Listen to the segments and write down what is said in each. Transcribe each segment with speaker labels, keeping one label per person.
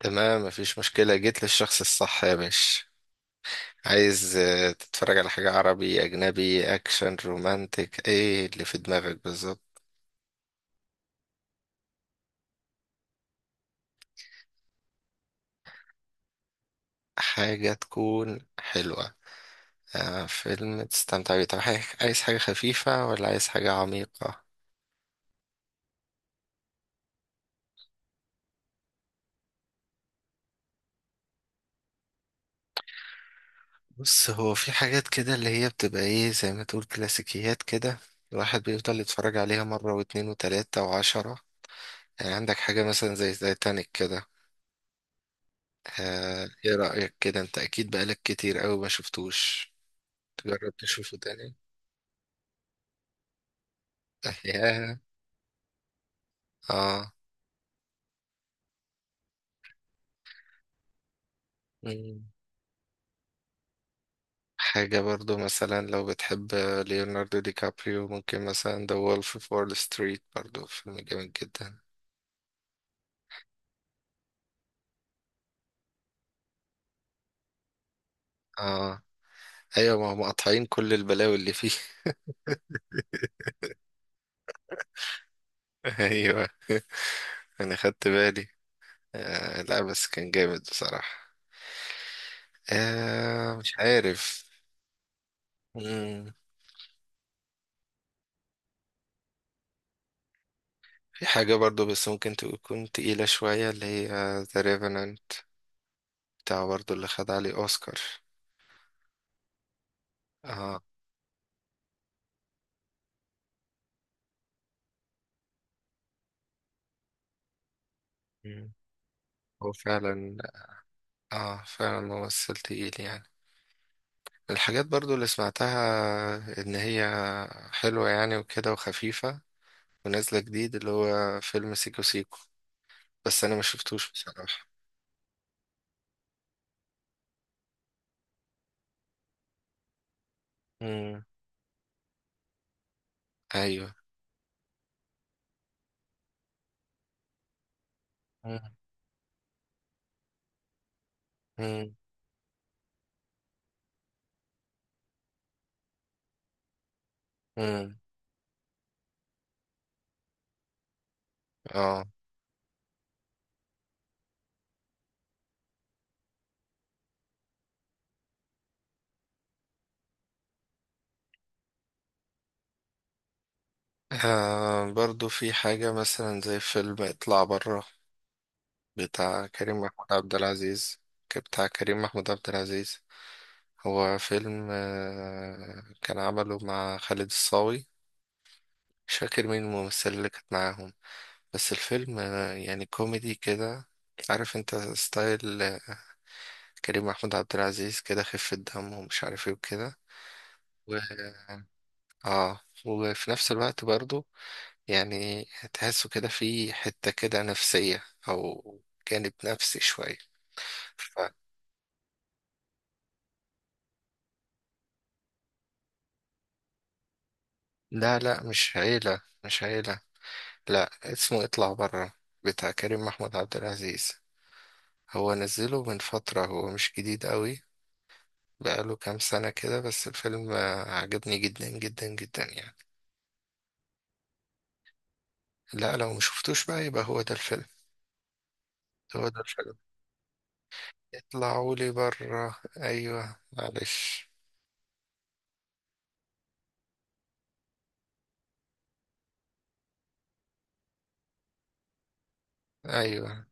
Speaker 1: تمام، مفيش مشكلة، جيت للشخص الصح يا باشا. عايز تتفرج على حاجة، عربي، أجنبي، أكشن، رومانتك، إيه اللي في دماغك بالظبط؟ حاجة تكون حلوة. آه، فيلم تستمتع بيه. طب، عايز حاجة خفيفة ولا عايز حاجة عميقة؟ بص، هو في حاجات كده اللي هي بتبقى إيه زي ما تقول كلاسيكيات كده. الواحد بيفضل يتفرج عليها مرة واتنين وتلاتة وعشرة. يعني عندك حاجة مثلا زي تايتانيك كده. ايه رأيك كده؟ انت اكيد بقالك كتير قوي ما شفتوش. تجرب تشوفه تاني. أحياها. اه. مم. حاجة برضو مثلا لو بتحب ليوناردو دي كابريو، ممكن مثلا The Wolf of Wall Street، برضو فيلم جامد جدا. اه. ايوه، ما هم قاطعين كل البلاوي اللي فيه. ايوه، انا خدت بالي. آه، لا، بس كان جامد بصراحة. آه، مش عارف. مم. في حاجة برضو بس ممكن تكون تقيلة شوية، اللي هي The Revenant، بتاع برضو اللي خد عليه أوسكار. اه. مم. هو فعلا. اه، فعلا ممثل تقيل يعني. الحاجات برضو اللي سمعتها ان هي حلوة يعني، وكده، وخفيفة، ونازلة جديد، اللي هو فيلم سيكو سيكو، بس انا ما شفتوش بصراحة. امم. ايوه. امم. امم. امم. اه. آه، برضو في حاجة مثلا زي فيلم اطلع برا. بتاع كريم محمود عبد العزيز. بتاع كريم محمود عبد العزيز. هو فيلم كان عمله مع خالد الصاوي. مش فاكر مين الممثلة اللي كانت معاهم. بس الفيلم يعني كوميدي كده. عارف انت ستايل كريم محمود عبد العزيز كده، خفة دم ومش عارف ايه وكده. و اه وفي نفس الوقت برضو، يعني تحسه كده في حتة كده نفسية، أو جانب نفسي شوية. ف... لا، لا، مش عيلة، مش عيلة. لا، اسمه اطلع برا، بتاع كريم محمود عبد العزيز. هو نزله من فترة، هو مش جديد قوي. بقاله كام سنة كده، بس الفيلم عجبني جدا جدا جدا يعني. لا، لو مشفتوش بقى يبقى هو ده الفيلم. هو ده الفيلم. اطلعولي برا، ايوه، معلش. ايوه،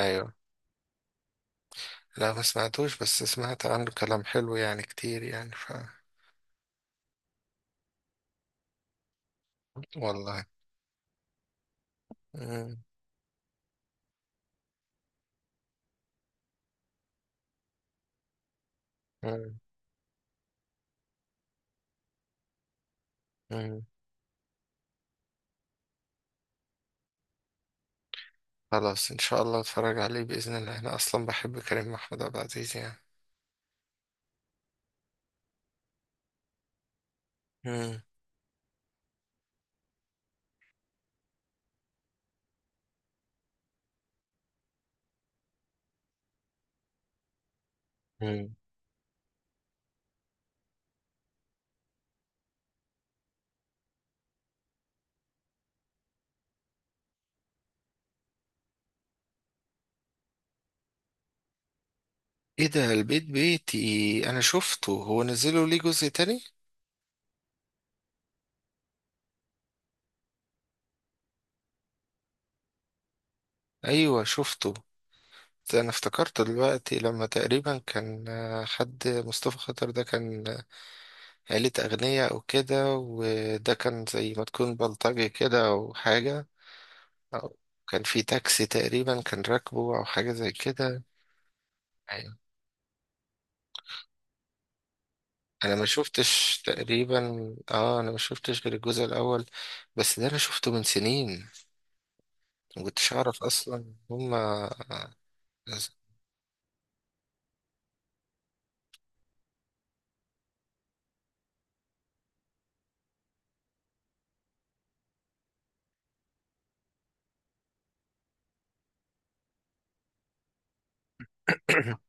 Speaker 1: ايوه. لا، ما سمعتوش، بس سمعت عنه كلام حلو يعني كتير يعني والله. مم. مم. مم. خلاص، ان شاء الله اتفرج عليه باذن الله، انا اصلا بحب كريم محمود عبد العزيز يعني. مم. مم. ايه ده؟ البيت بيتي انا شفته، هو نزلوا ليه جزء تاني؟ ايوه، شفته. انا افتكرت دلوقتي لما تقريبا كان حد مصطفى خاطر ده كان عيلة أغنياء أو كده، وده كان زي ما تكون بلطجي كده أو حاجة. أو كان في تاكسي تقريبا، كان راكبه أو حاجة زي كده. أيوة. أنا ما شفتش تقريبا. آه، أنا ما شفتش غير الجزء الأول. بس ده أنا شفته من سنين. ما كنتش أعرف أصلا هما.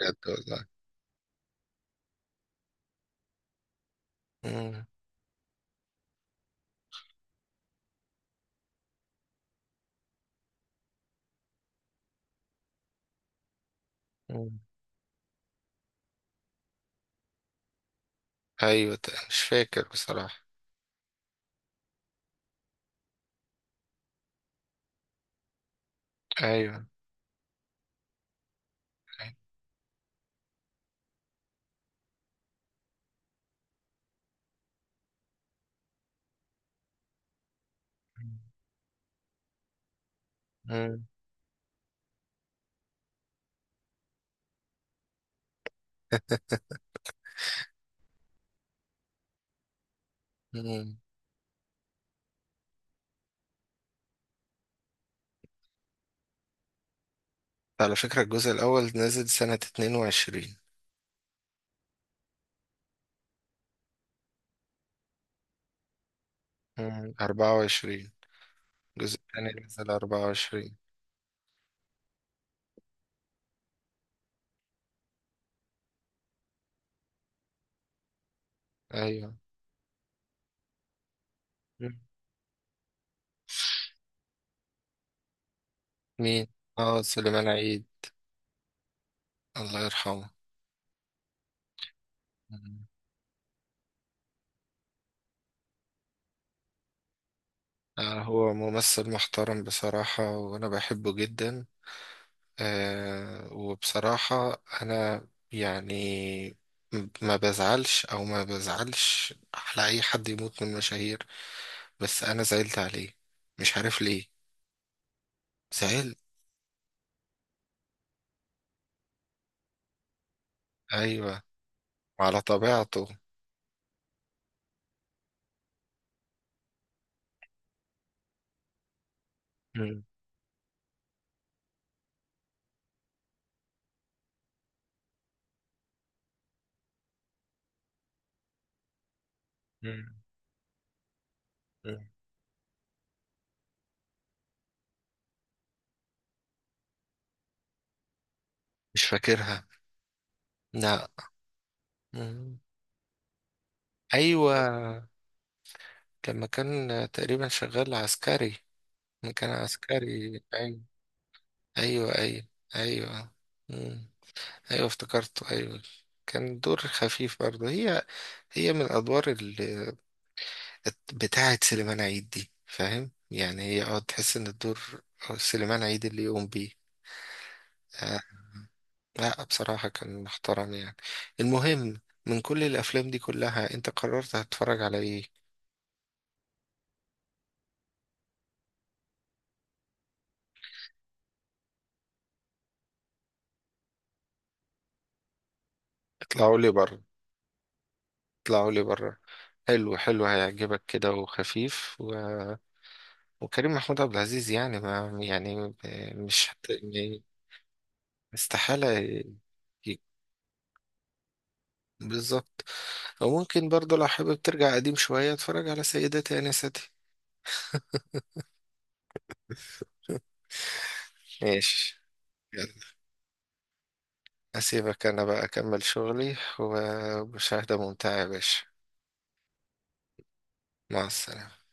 Speaker 1: بجد والله. مم. مم. أيوة. مش فاكر بصراحة. ايوه. أيوة. مم. مم. على فكرة، الجزء الأول نزل سنة 22. مم. 24. الجزء الثاني نزل 24. أيوة. مم. مين؟ اه، سليمان عيد. الله يرحمه. مم. آه، هو ممثل محترم بصراحة وأنا بحبه جدا. آه، وبصراحة أنا، يعني، ما بزعلش أو ما بزعلش على أي حد يموت من المشاهير. بس أنا زعلت عليه. مش عارف ليه. زعل. ايوه. وعلى طبيعته. مم. مم. مم. مش فاكرها. لا. مم. ايوه، لما كان تقريبا شغال عسكري. لما كان عسكري، ايوه. ايوه، ايوه، ايوه. مم. ايوه، افتكرته، ايوه. كان دور خفيف برضه، هي من الادوار اللي بتاعه سليمان عيد دي، فاهم يعني، هي تحس ان الدور سليمان عيد اللي يقوم بيه. آه، لا، بصراحة كان محترم يعني. المهم، من كل الأفلام دي كلها، أنت قررت هتتفرج على إيه؟ اطلعوا لي بره، اطلعوا لي بره. حلو، حلو، هيعجبك كده، وخفيف وكريم محمود عبد العزيز يعني، ما يعني، مش يعني. استحالة. ي- بالظبط. أو ممكن برضه، لو حابب ترجع قديم شوية، اتفرج على سيداتي أنستي. ماشي. يلا، أسيبك أنا بقى أكمل شغلي، ومشاهدة ممتعة يا باشا. مع السلامة.